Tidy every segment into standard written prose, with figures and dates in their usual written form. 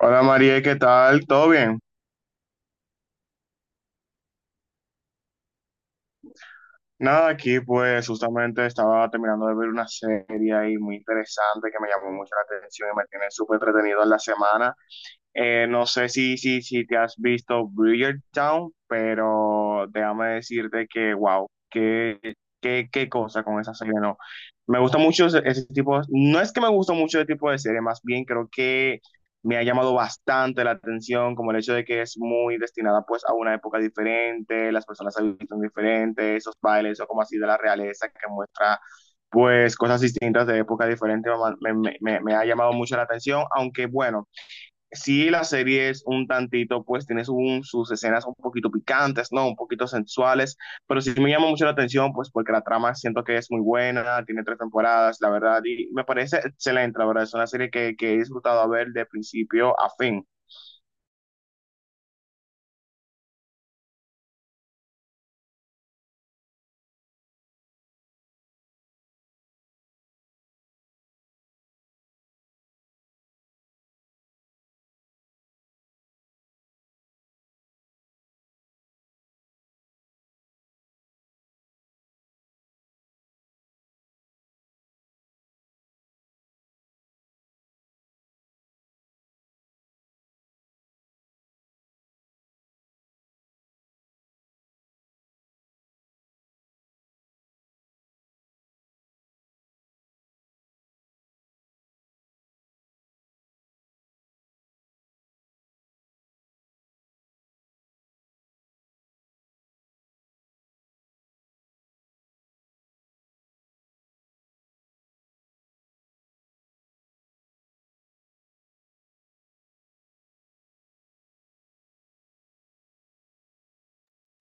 Hola María, ¿qué tal? ¿Todo bien? Nada, aquí pues justamente estaba terminando de ver una serie ahí muy interesante que me llamó mucho la atención y me tiene súper entretenido en la semana. No sé si te has visto Bridgerton, pero déjame decirte que, wow, qué cosa con esa serie, no. Me gusta mucho ese tipo, no es que me gusta mucho ese tipo de serie, más bien creo que me ha llamado bastante la atención, como el hecho de que es muy destinada pues a una época diferente, las personas se visten diferente, esos bailes o como así de la realeza que muestra pues cosas distintas de época diferente, me ha llamado mucho la atención, aunque bueno sí la serie es un tantito, pues tiene su, sus escenas un poquito picantes, ¿no? Un poquito sensuales, pero sí me llama mucho la atención, pues porque la trama siento que es muy buena, tiene tres temporadas, la verdad, y me parece excelente, la verdad, es una serie que he disfrutado a ver de principio a fin.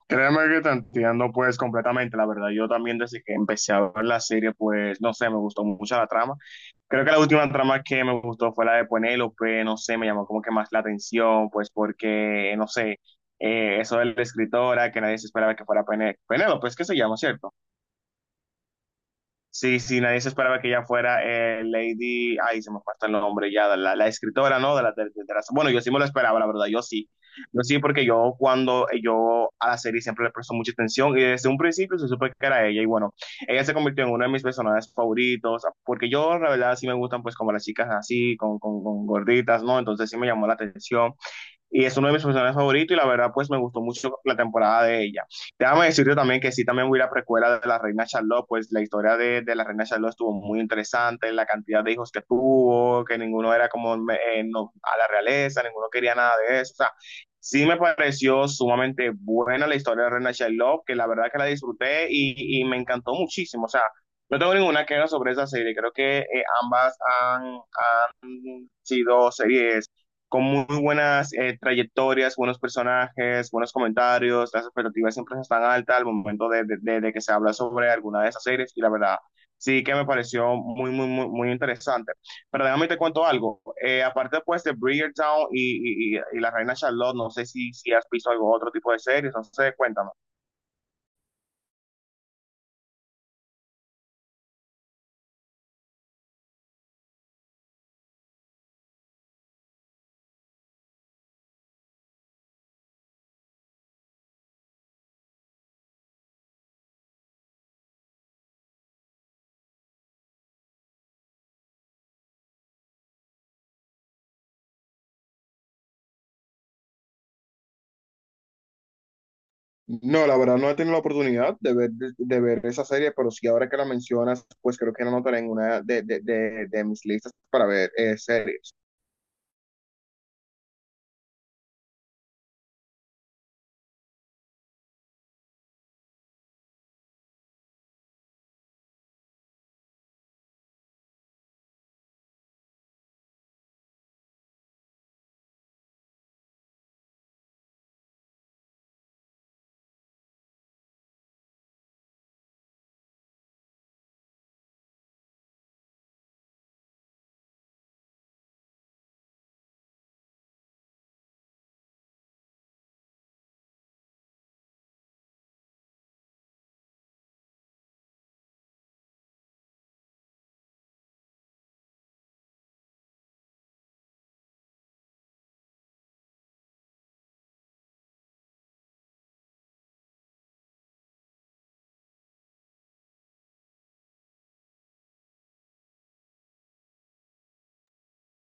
Créeme que te entiendo pues completamente, la verdad. Yo también desde que empecé a ver la serie, pues no sé, me gustó mucho la trama. Creo que la última trama que me gustó fue la de Penélope, no sé, me llamó como que más la atención, pues porque, no sé, eso de la escritora, que nadie se esperaba que fuera Penélope, es que se llama, ¿cierto? Sí, sí, nadie se esperaba que ella fuera Lady, ay, se me falta el nombre ya, de la escritora, ¿no? De la- bueno, yo sí me lo esperaba, la verdad, yo sí. Yo sí, porque yo cuando yo a la serie siempre le presto mucha atención y desde un principio se supe que era ella y bueno, ella se convirtió en uno de mis personajes favoritos, porque yo, la verdad, sí me gustan pues como las chicas así, con gorditas, ¿no? Entonces sí me llamó la atención y es uno de mis personajes favoritos y la verdad pues me gustó mucho la temporada de ella. Déjame decirte también que sí, también voy a la precuela de la reina Charlotte, pues la historia de la reina Charlotte estuvo muy interesante, la cantidad de hijos que tuvo, que ninguno era como no, a la realeza, ninguno quería nada de eso, o sea, sí me pareció sumamente buena la historia de la reina Charlotte, que la verdad que la disfruté y me encantó muchísimo, o sea, no tengo ninguna queja sobre esa serie. Creo que ambas han sido series con muy buenas trayectorias, buenos personajes, buenos comentarios, las expectativas siempre están altas al momento de que se habla sobre alguna de esas series y la verdad sí que me pareció muy interesante. Pero déjame te cuento algo, aparte pues de Bridgertown y La Reina Charlotte, no sé si has visto algo, otro tipo de series, no sé, cuéntame. No, la verdad no he tenido la oportunidad de ver, de ver esa serie, pero sí ahora que la mencionas, pues creo que la anotaré en una de mis listas para ver series.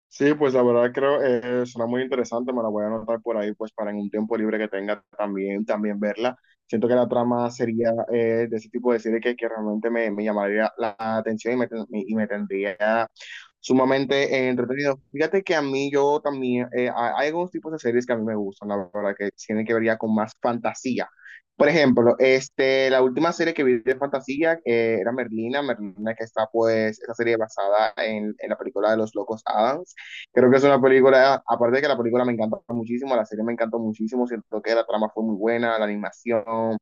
Sí, pues la verdad creo será muy interesante, me la voy a anotar por ahí, pues para en un tiempo libre que tenga también, también verla. Siento que la trama sería de ese tipo de serie que realmente me llamaría la atención y y me tendría sumamente entretenido. Fíjate que a mí yo también, hay algunos tipos de series que a mí me gustan, la verdad, que tienen que ver ya con más fantasía. Por ejemplo, este, la última serie que vi de fantasía era Merlina, Merlina que está pues, esa serie basada en la película de Los Locos Adams. Creo que es una película, aparte de que la película me encantó muchísimo, la serie me encantó muchísimo, siento que la trama fue muy buena, la animación,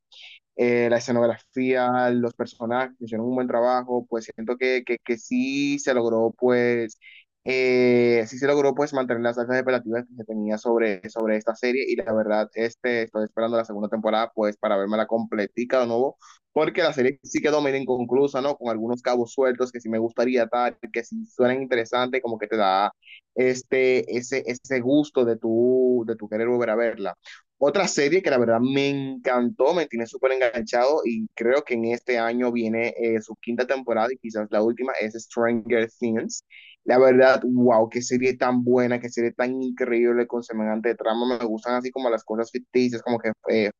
la escenografía, los personajes, hicieron un buen trabajo, pues siento que sí se logró, pues, sí se logró, pues, mantener las altas expectativas que se tenía sobre, sobre esta serie y la verdad, este, estoy esperando la segunda temporada, pues, para verme la completica de nuevo, porque la serie sí quedó medio inconclusa, ¿no? Con algunos cabos sueltos que sí me gustaría tal, que sí suenan interesantes, como que te da este, ese gusto de tu querer volver a verla. Otra serie que la verdad me encantó, me tiene súper enganchado y creo que en este año viene su quinta temporada y quizás la última es Stranger Things. La verdad, wow, qué serie tan buena, qué serie tan increíble con semejante trama. Me gustan así como las cosas ficticias, como que eh,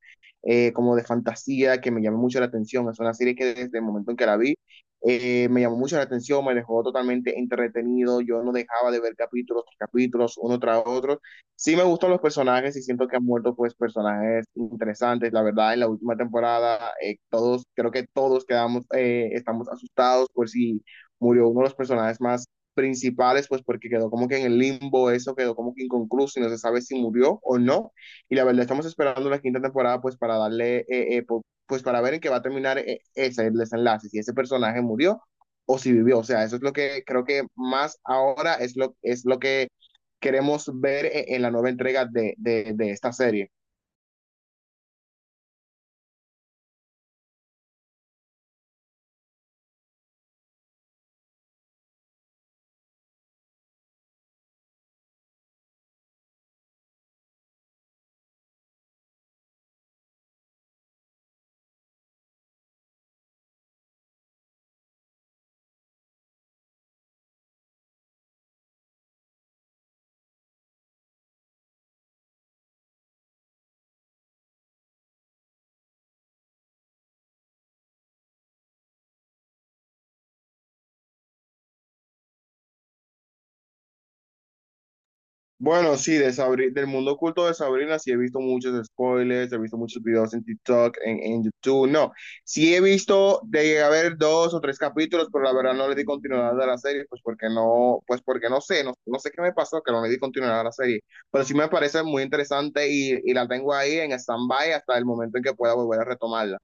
eh, como de fantasía, que me llama mucho la atención. Es una serie que desde el momento en que la vi me llamó mucho la atención, me dejó totalmente entretenido. Yo no dejaba de ver capítulos tras capítulos, uno tras otro. Sí me gustan los personajes y siento que han muerto pues personajes interesantes. La verdad, en la última temporada todos, creo que todos quedamos, estamos asustados por si murió uno de los personajes más principales, pues porque quedó como que en el limbo, eso quedó como que inconcluso y no se sabe si murió o no. Y la verdad, estamos esperando la quinta temporada pues para darle, pues para ver en qué va a terminar ese el desenlace, si ese personaje murió o si vivió. O sea, eso es lo que creo que más ahora es es lo que queremos ver en la nueva entrega de esta serie. Bueno, sí, de Sabrina del mundo oculto de Sabrina sí he visto muchos spoilers, he visto muchos videos en TikTok, en YouTube, no. Sí he visto, de haber dos o tres capítulos, pero la verdad no le di continuidad a la serie, pues porque no sé, no, no sé qué me pasó, que no le di continuidad a la serie. Pero sí me parece muy interesante y la tengo ahí en stand-by hasta el momento en que pueda volver a retomarla.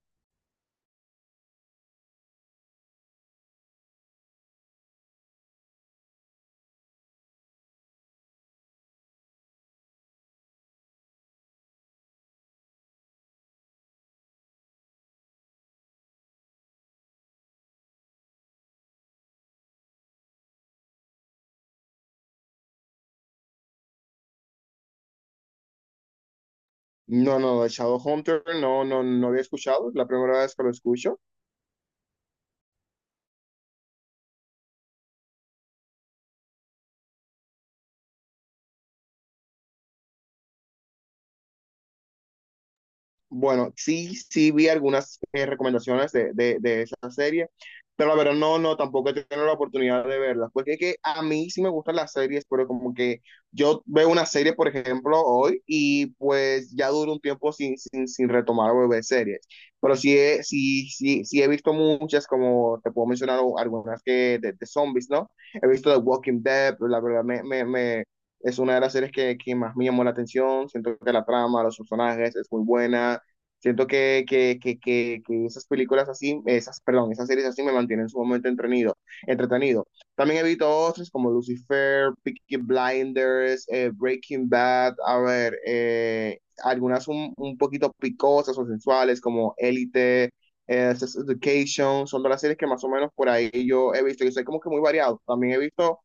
No, no, Shadowhunter no, no, no había escuchado, es la primera vez que lo escucho. Bueno, sí, sí vi algunas recomendaciones de esa serie, pero la verdad no, no, tampoco he tenido la oportunidad de verlas, porque es que a mí sí me gustan las series, pero como que yo veo una serie, por ejemplo, hoy y pues ya duro un tiempo sin retomar o ver series, pero sí he, sí he visto muchas, como te puedo mencionar algunas que de zombies, ¿no? He visto The Walking Dead, pero la verdad me es una de las series que más me llamó la atención, siento que la trama, los personajes es muy buena. Siento que esas películas así, esas, perdón, esas series así me mantienen sumamente entretenido. También he visto otras como Lucifer, Peaky Blinders, Breaking Bad, a ver, algunas un poquito picosas o sensuales como Elite, Sex Education, son de las series que más o menos por ahí yo he visto. Yo soy como que muy variado. También he visto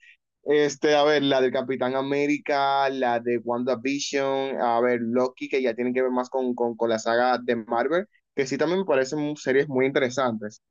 este, a ver, la del Capitán América, la de WandaVision, a ver, Loki, que ya tienen que ver más con la saga de Marvel, que sí también me parecen series muy interesantes.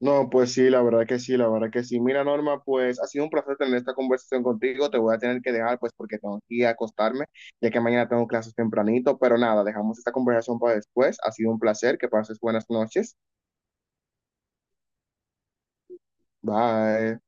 No, pues sí, la verdad que sí, la verdad que sí. Mira, Norma, pues ha sido un placer tener esta conversación contigo. Te voy a tener que dejar, pues, porque tengo que ir a acostarme, ya que mañana tengo clases tempranito, pero nada, dejamos esta conversación para después. Ha sido un placer, que pases buenas noches. Bye.